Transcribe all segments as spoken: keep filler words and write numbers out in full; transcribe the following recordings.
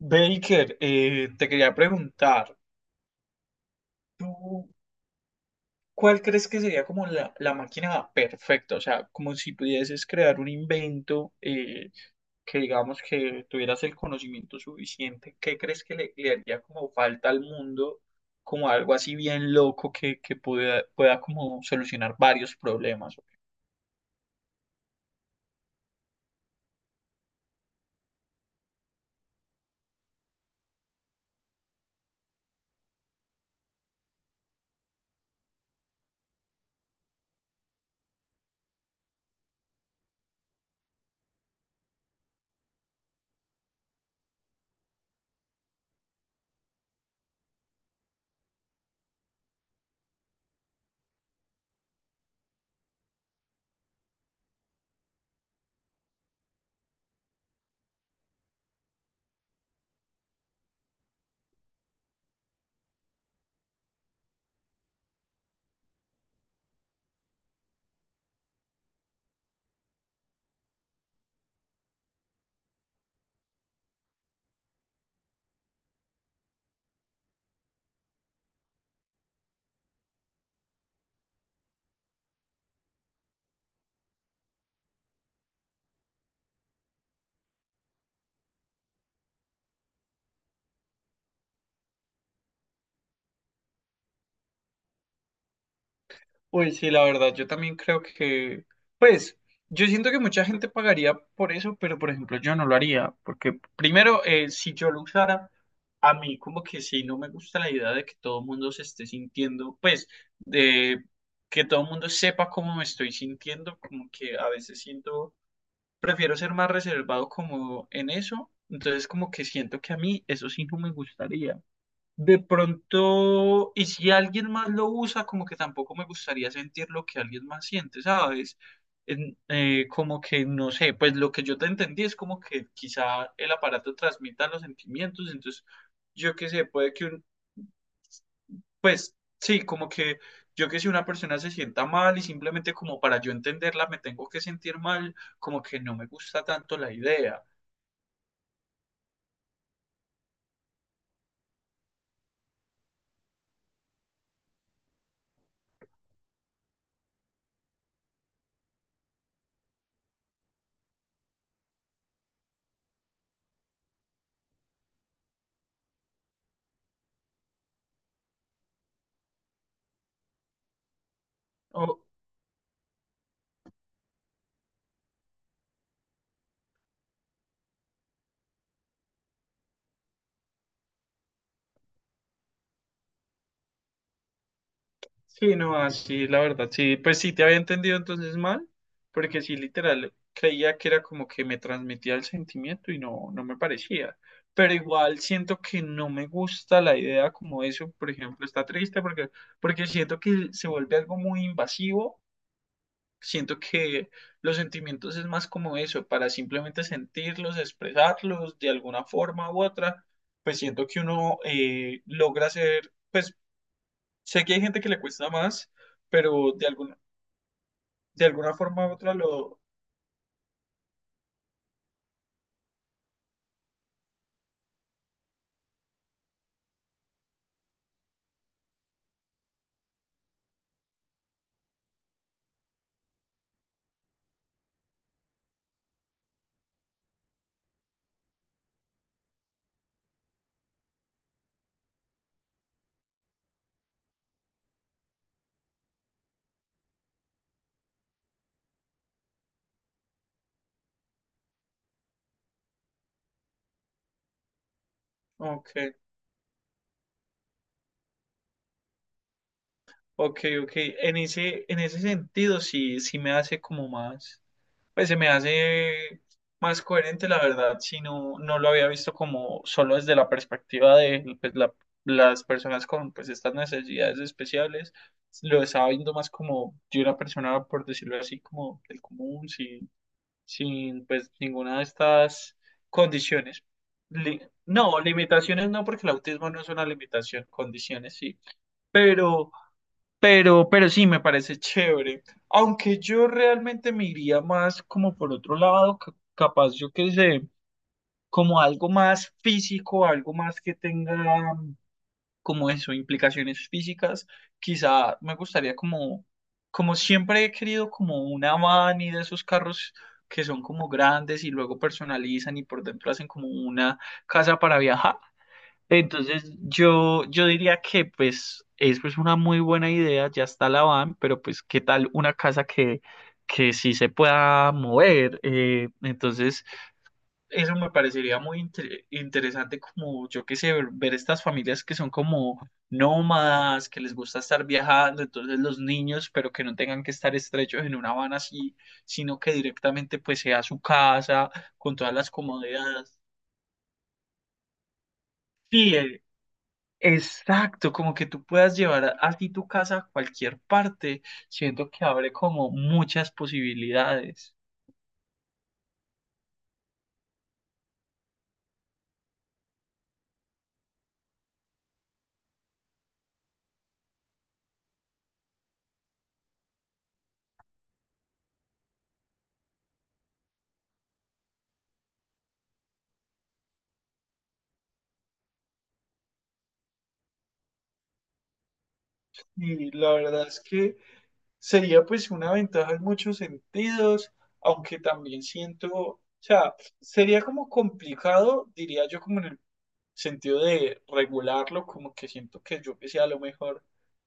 Baker, eh, te quería preguntar, ¿tú cuál crees que sería como la, la máquina perfecta? O sea, como si pudieses crear un invento eh, que digamos que tuvieras el conocimiento suficiente, ¿qué crees que le, le haría como falta al mundo, como algo así bien loco que, que pueda, pueda como solucionar varios problemas? Pues sí, la verdad, yo también creo que, pues, yo siento que mucha gente pagaría por eso, pero por ejemplo yo no lo haría, porque primero, eh, si yo lo usara, a mí como que sí, no me gusta la idea de que todo el mundo se esté sintiendo, pues, de que todo el mundo sepa cómo me estoy sintiendo, como que a veces siento, prefiero ser más reservado como en eso, entonces como que siento que a mí eso sí no me gustaría. De pronto, y si alguien más lo usa, como que tampoco me gustaría sentir lo que alguien más siente, ¿sabes? En- eh, como que, no sé, pues lo que yo te entendí es como que quizá el aparato transmita los sentimientos, entonces, yo qué sé, puede que un, pues sí, como que yo que sé, una persona se sienta mal y simplemente como para yo entenderla me tengo que sentir mal, como que no me gusta tanto la idea. O, sí, no, así, la verdad, sí, pues sí, te había entendido entonces mal, porque sí, literal, creía que era como que me transmitía el sentimiento y no, no me parecía, pero igual siento que no me gusta la idea como eso, por ejemplo, está triste porque, porque siento que se vuelve algo muy invasivo, siento que los sentimientos es más como eso, para simplemente sentirlos, expresarlos de alguna forma u otra, pues siento que uno eh, logra ser... pues sé que hay gente que le cuesta más, pero de alguna, de alguna forma u otra lo... Ok, ok, ok. En ese, en ese sentido sí, sí me hace como más... Pues se me hace más coherente, la verdad, si no, no lo había visto como solo desde la perspectiva de pues, la- las personas con pues estas necesidades especiales. Lo estaba viendo más como de una persona, por decirlo así, como del común, sí sin pues ninguna de estas condiciones. Li- no, limitaciones no, porque el autismo no es una limitación, condiciones sí, pero, pero, pero sí me parece chévere. Aunque yo realmente me iría más como por otro lado, ca- capaz yo que sé, como algo más físico, algo más que tenga como eso, implicaciones físicas, quizá me gustaría como, como siempre he querido como una van y de esos carros que son como grandes y luego personalizan y por dentro hacen como una casa para viajar. Entonces yo, yo diría que pues es pues una muy buena idea, ya está la van, pero pues qué tal una casa que, que sí se pueda mover. Eh, entonces... Eso me parecería muy inter- interesante como, yo qué sé, ver, ver estas familias que son como nómadas, que les gusta estar viajando, entonces los niños, pero que no tengan que estar estrechos en una van así, sino que directamente pues sea su casa, con todas las comodidades. Sí, eh, exacto, como que tú puedas llevar a- así tu casa a cualquier parte, siento que abre como muchas posibilidades. Y la verdad es que... sería pues una ventaja en muchos sentidos, aunque también siento, o sea, sería como complicado, diría yo, como en el sentido de regularlo, como que siento que yo que sea lo mejor.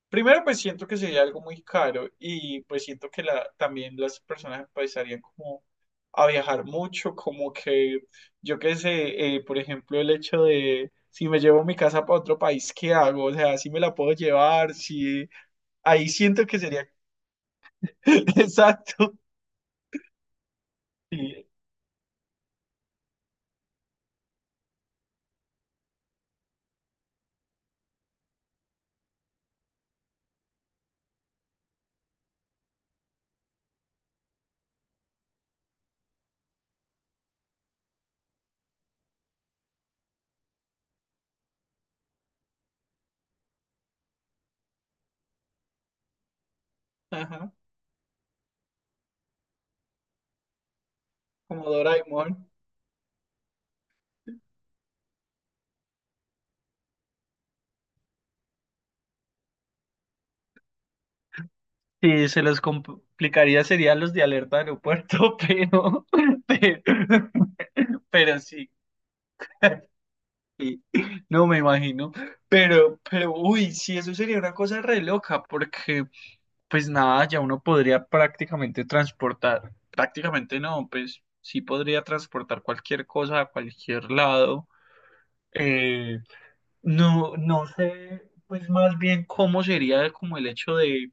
Primero, pues siento que sería algo muy caro y pues siento que la, también las personas empezarían como a viajar mucho, como que yo qué sé, eh, por ejemplo, el hecho de si me llevo mi casa para otro país, ¿qué hago? O sea, si me la puedo llevar, si ahí siento que sería exacto. Sí. Ajá. Como Doraemon. Sí, se los complicaría serían los de alerta de aeropuerto, pero, pero, pero sí. Sí, no me imagino, pero, pero, uy, sí, eso sería una cosa re loca, porque, pues nada, ya uno podría prácticamente transportar, prácticamente no, pues sí podría transportar cualquier cosa a cualquier lado. Eh, no, no sé, pues más bien cómo sería como el hecho de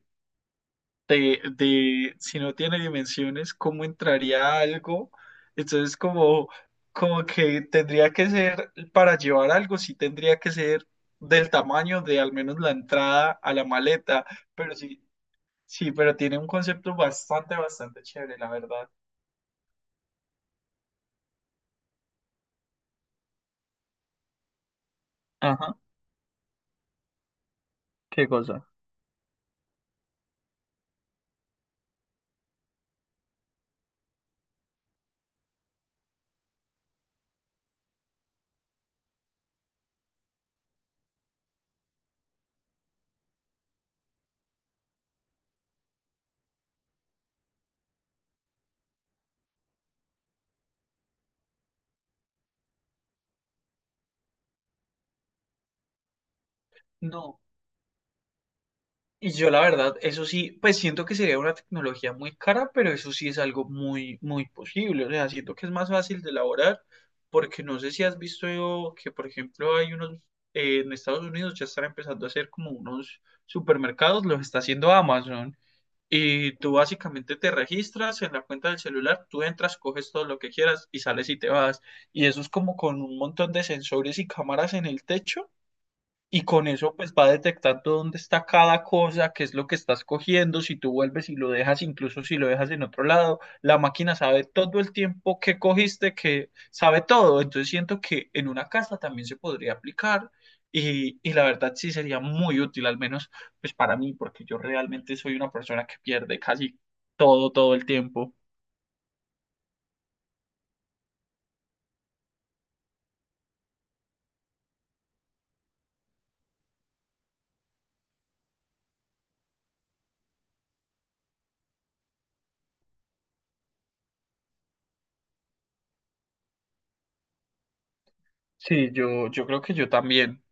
de, de si no tiene dimensiones, ¿cómo entraría algo? Entonces, como, como que tendría que ser, para llevar algo, sí tendría que ser del tamaño de al menos la entrada a la maleta, pero sí, sí, pero tiene un concepto bastante, bastante chévere, la verdad. Ajá, ¿qué cosa? No. Y yo la verdad, eso sí, pues siento que sería una tecnología muy cara, pero eso sí es algo muy, muy posible. O sea, siento que es más fácil de elaborar, porque no sé si has visto que, por ejemplo, hay unos, eh, en Estados Unidos ya están empezando a hacer como unos supermercados, los está haciendo Amazon. Y tú básicamente te registras en la cuenta del celular, tú entras, coges todo lo que quieras y sales y te vas. Y eso es como con un montón de sensores y cámaras en el techo y con eso pues va detectando dónde está cada cosa, qué es lo que estás cogiendo, si tú vuelves y lo dejas, incluso si lo dejas en otro lado, la máquina sabe todo el tiempo que cogiste, que sabe todo. Entonces siento que en una casa también se podría aplicar y, y la verdad sí sería muy útil, al menos pues para mí, porque yo realmente soy una persona que pierde casi todo, todo el tiempo. Sí, yo, yo creo que yo también.